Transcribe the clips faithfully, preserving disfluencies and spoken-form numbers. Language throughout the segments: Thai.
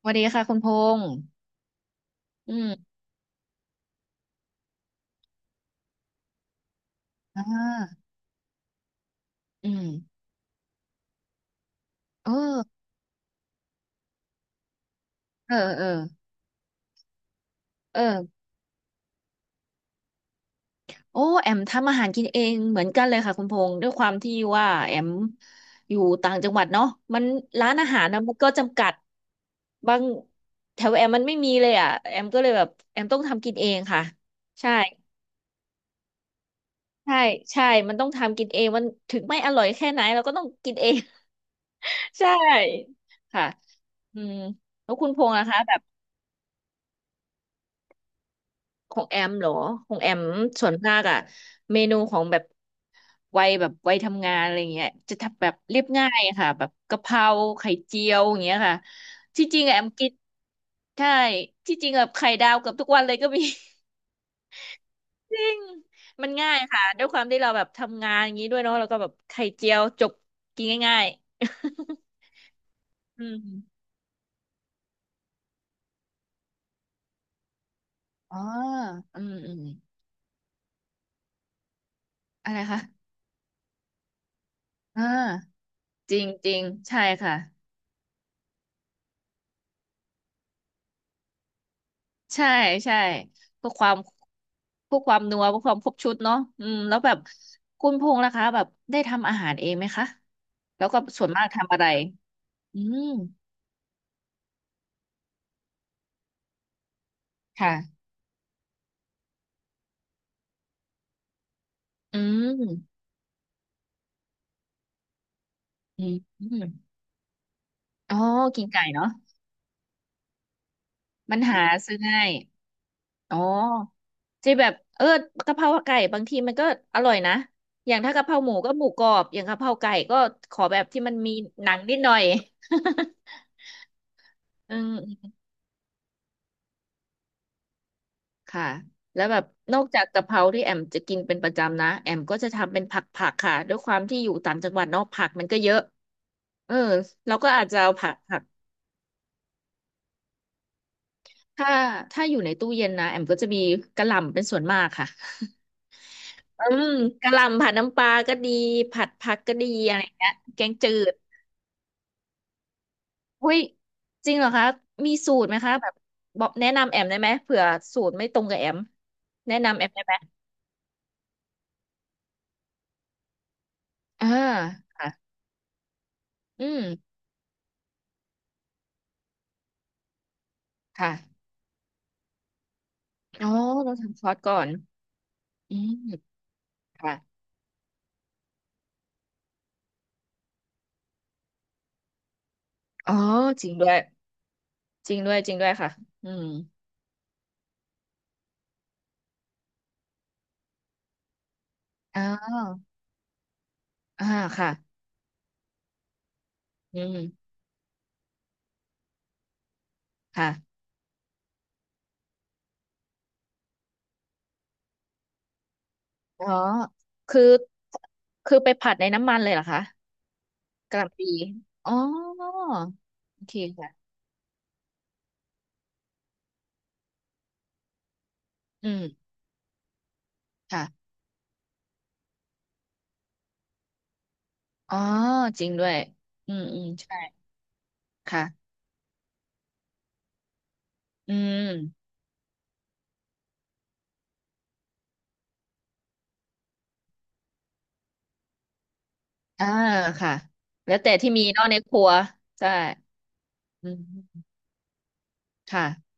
สวัสดีค่ะคุณพงษ์อืมอ่าอืมเออเออเออเออโอ้แอมทำอาหารกินเองเหมือนกันเลยค่ะคุณพงษ์ด้วยความที่ว่าแอมอยู่ต่างจังหวัดเนาะมันร้านอาหารนะมันก็จำกัดบางแถวแอมมันไม่มีเลยอ่ะแอมก็เลยแบบแอมต้องทำกินเองค่ะใช่ใช่ใช่มันต้องทำกินเองมันถึงไม่อร่อยแค่ไหนเราก็ต้องกินเอง ใช่ค่ะอืมแล้วคุณพงษ์นะคะแบบ ของแอมเหรอของแอมส่วนมากอะเมนูของแบบวัยแบบวัยทำงานอะไรเงี้ยจะทำแบบเรียบง่ายอะค่ะแบบกะเพราไข่เจียวอย่างเงี้ยค่ะที่จริงอะแอมกินใช่ที่จริงแบบไข่ดาวเกือบทุกวันเลยก็มี จริงมันง่ายค่ะด้วยความที่เราแบบทำงานอย่างนี้ด้วยเนาะแล้วก็แบบไข่เจียวจบกินง่ายๆ อืมอ๋ออืมอืมอะไรคะอ่าจริงจริงใช่ค่ะ ใช่ใช่เพื่อความเพื่อความนัวเพื่อความครบชุดเนาะอืมแล้วแบบคุณพงษ์ล่ะคะแบบได้ทำอาหารเองไหมคะแล้วก็ส่วนมากทำอะไรอืมค่ะอืมอืมอมอ๋อกินไก่เนาะมันหาซื้อง่ายอ๋อจะแบบเออกะเพราไก่บางทีมันก็อร่อยนะอย่างถ้ากะเพราหมูก็หมูกรอบอย่างกะเพราไก่ก็ขอแบบที่มันมีหนังนิดหน่อย อืม ค่ะแล้วแบบนอกจากกะเพราที่แอมจะกินเป็นประจำนะแอมก็จะทำเป็นผักผักค่ะด้วยความที่อยู่ต่างจังหวัดเนอกผักมันก็เยอะเออเราก็อาจจะเอาผักผักถ้าถ้าอยู่ในตู้เย็นนะแอมก็จะมีกะหล่ำเป็นส่วนมากค่ะ อืมกะหล่ำผัดน้ำปลาก็ดีผัดผักก็ดีอะไรอย่างเงี้ยแกงจืดอุ้ยจริงเหรอคะมีสูตรไหมคะแบบบอกแนะนำแอมได้ไหมเผื่อสูตรไม่ตรงกับแอมแนะนำแอมได้ไหมอ่าค่ะอืมค่ะ อ๋อเราทำซอสก่อนอืมค่ะอ๋อจริงด้วยจริงด้วยจริงด้วยค่ะ อืมอ๋ออ่าค่ะอืม ค่ะอ๋อคือ คือไปผัดในน้ำมันเลยเหรอคะกะหล่ำปีอ๋อโอเคค่ะอืมค่ะอ๋อจริงด้วย อืมอืมใช่ค่ะ อืมอ่าค่ะ แล้วแต่ที่มีเนอกในครัวใช่อืมค่ะ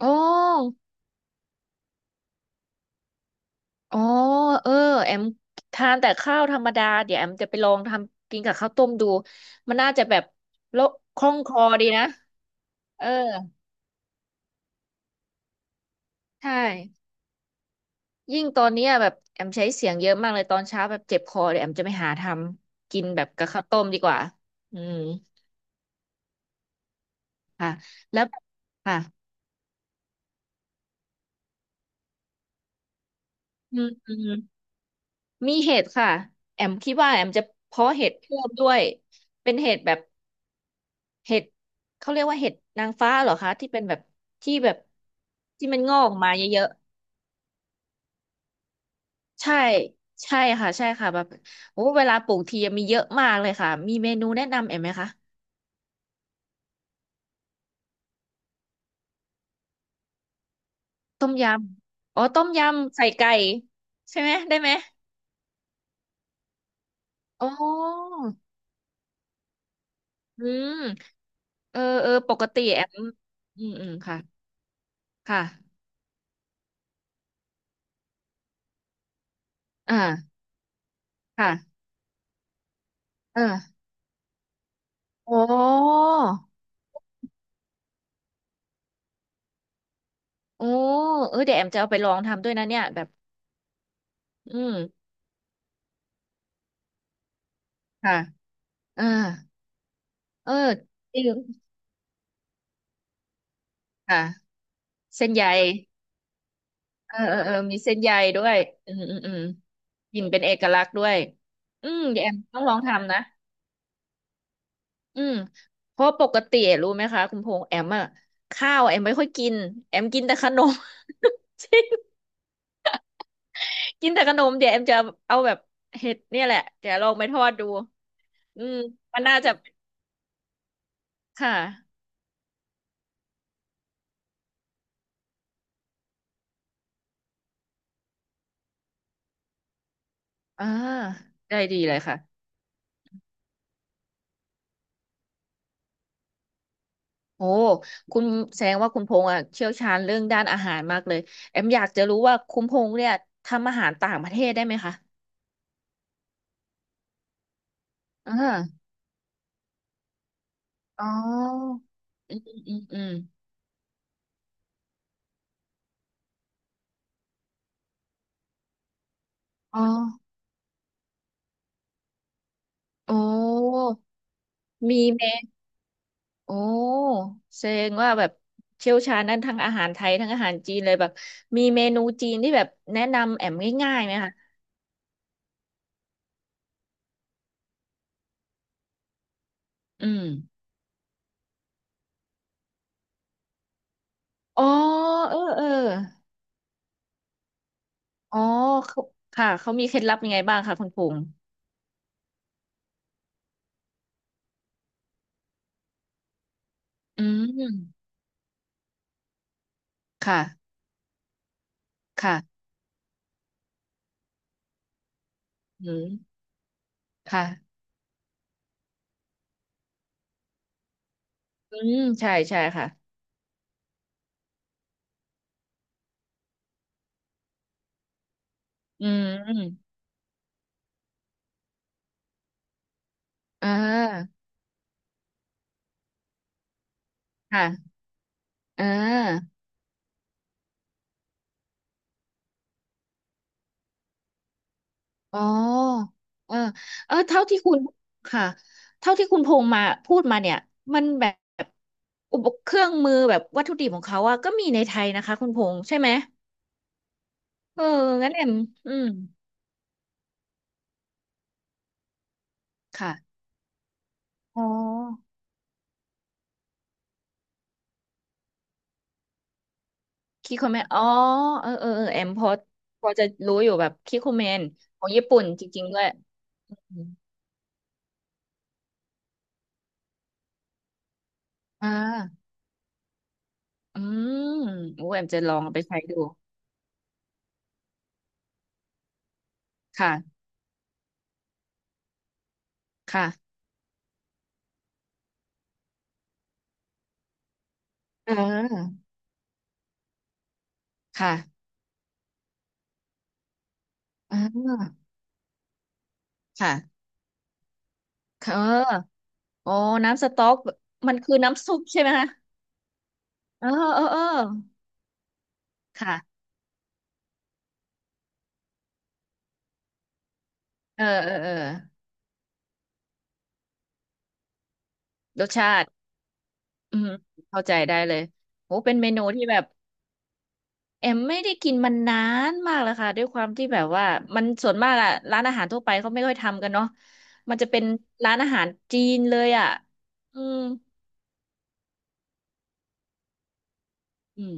โอ้ อ๋อเออแอมทานแต่ข้าวธรรมดาเดี๋ยวแอมจะไปลองทำกินกับข้าวต้มดู มันน่าจะแบบโล้วคล่องคอดีนะเออใช่ยิ่งตอนเนี้ยแบบแอมใช้เสียงเยอะมากเลยตอนเช้าแบบเจ็บคอเดี๋ยวแอมจะไปหาทำกินแบบกับข้าวต้มดีกว่า อืมค่ะ แล้วค่ะอืมอืมมีเห็ดค่ะแอมคิดว่าแอมจะเพาะเห็ดเพิ่มด้วยเป็นเห็ดแบบ เห็ดเขาเรียกว่าเห็ดนางฟ้าเหรอคะที่เป็นแบบที่แบบที่มันงอกออกมาเยอะๆใช่ใช่ค่ะใช่ค่ะแบบโอ้เวลาปลูกทีมีเยอะมากเลยค่ะมีเมนูแนะนำเอ็มไหมคะต้มยำอ๋อต้มยำใส่ไก่ใช่ไหมได้ไหมอ๋ออืมเออเออปกติแอมอืมอืมค่ะค่ะอ่าค่ะเออโอ้โอ้เออเดี๋ยวแอมจะเอาไปลองทำด้วยนะเนี่ยแบบอืมค่ะเออ เออจริงค่ะเส้นใยเออเออเออมีเส้นใยด้วยอืมอืมอืมกลิ่นเป็นเอกลักษณ์ด้วยอืมเดี๋ยวแอมต้องลองทำนะอืมเพราะปกติรู้ไหมคะคุณพงษ์แอมอะข้าวแอมไม่ค่อยกินแอมกินแต่ขนม กินแต่ขนมเดี๋ยวแอมจะเอาแบบเห็ดเนี่ยแหละเดี๋ยวลองไปทอดดูอืมมันน่าจะค่ะอ่าได้ดีเลยค่ะ โอ้ คุณแสดงว่าคุณพงษ์อ่ะเชี่ยวชาญเรื่องด้านอาหารมากเลยแอมอยากจะรู้ว่าคุณพงษ์เนี่ยทำอาหารต่างประเทศได้ไหมคะอ่าอ๋ออืมอืมอืมอ๋อโอ้มีเมนโอ้แสดงว่าแบบเชี่ยวชาญด้านทั้งอาหารไทยทั้งอาหารจีนเลยแบบมีเมนูจีนที่แบบแนะนำแอมง่ายๆไหมคะอืมอ๋อเออเอออ๋อเขาค่ะเขามีเคล็ดลับยังไงบ้างคะคุณพงษ์อืมค่ะค่ะ อืมค่ะอืมใช่ใช่ค่ะอืมอ่าค่ะอ่าอ๋อเออเออเท่าที่คุณค่ะเท่าที่คุณพงษ์มาพูดมาเนี่ยมันแบบอุปเครื่องมือแบบวัตถุดิบของเขาอะก็มีในไทยนะคะคุณพงษ์ใช่ไหมเอองั้นแอมอืมค่ะอ๋อคิโคเมนอ๋อเออเออเออแอมพอพอจะรู้อยู่แบบคิโคเมนของญี่ปุ่นจริงๆด้วยอมอ่า อืมโอ้แอมจะลองเอาไปใช้ดูค่ะค่ะเออค่ะอ่าค่ะเออโอ้น้ำสต๊อกมันคือน้ำซุปใช่ไหมคะเออเออเออค่ะเออเออเออรสชาติอืมเข้าใจได้เลยโอ้เป็นเมนูที่แบบแอมไม่ได้กินมันนานมากแล้วค่ะด้วยความที่แบบว่ามันส่วนมากอะร้านอาหารทั่วไปเขาไม่ค่อยทำกันเนาะมันจะเป็นร้านอาหารจีนเลยอะอืมอืม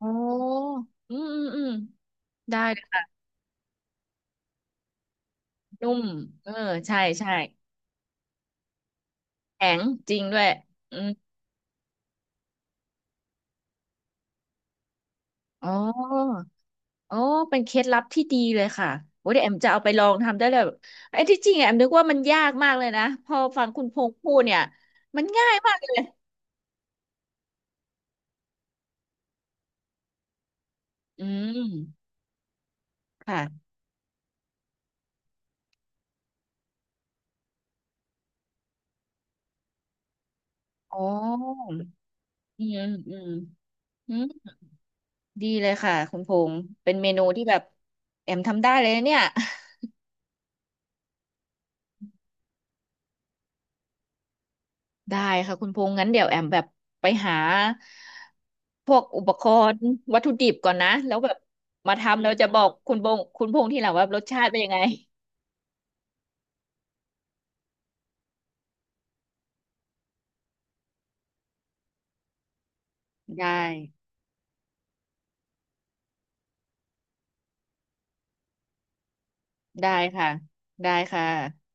อ๋ออืมอืมอืมได้เลยค่ะนุ่มเออใช่ใช่แข็งจริงด้วยอืมอ๋ออ๋อเป็นเคล็ดลับที่ดีเลยค่ะโอ้เดี๋ยวแอมจะเอาไปลองทำได้เลยไอ้ที่จริงอะแอมนึกว่ามันยากมากเลยนะพอฟังคุณพงษ์พูดเนี่ยมันง่ายมากเลยอืมค่ะอ๋ออืมอืมอืมดีเลยค่ะคุณพงษ์เป็นเมนูที่แบบแอมทำได้เลยนะเนี่ย ได้ค่ะคุณพงษ์งั้นเดี๋ยวแอมแบบไปหาพวกอุปกรณ์วัตถุดิบก่อนนะแล้วแบบมาทำแล้วจะบอกคุณพงษ์คุณพงษ์ที่หลังว่ารสชาติเป็นยังไงได้ได้ค่ะได้ค่ะ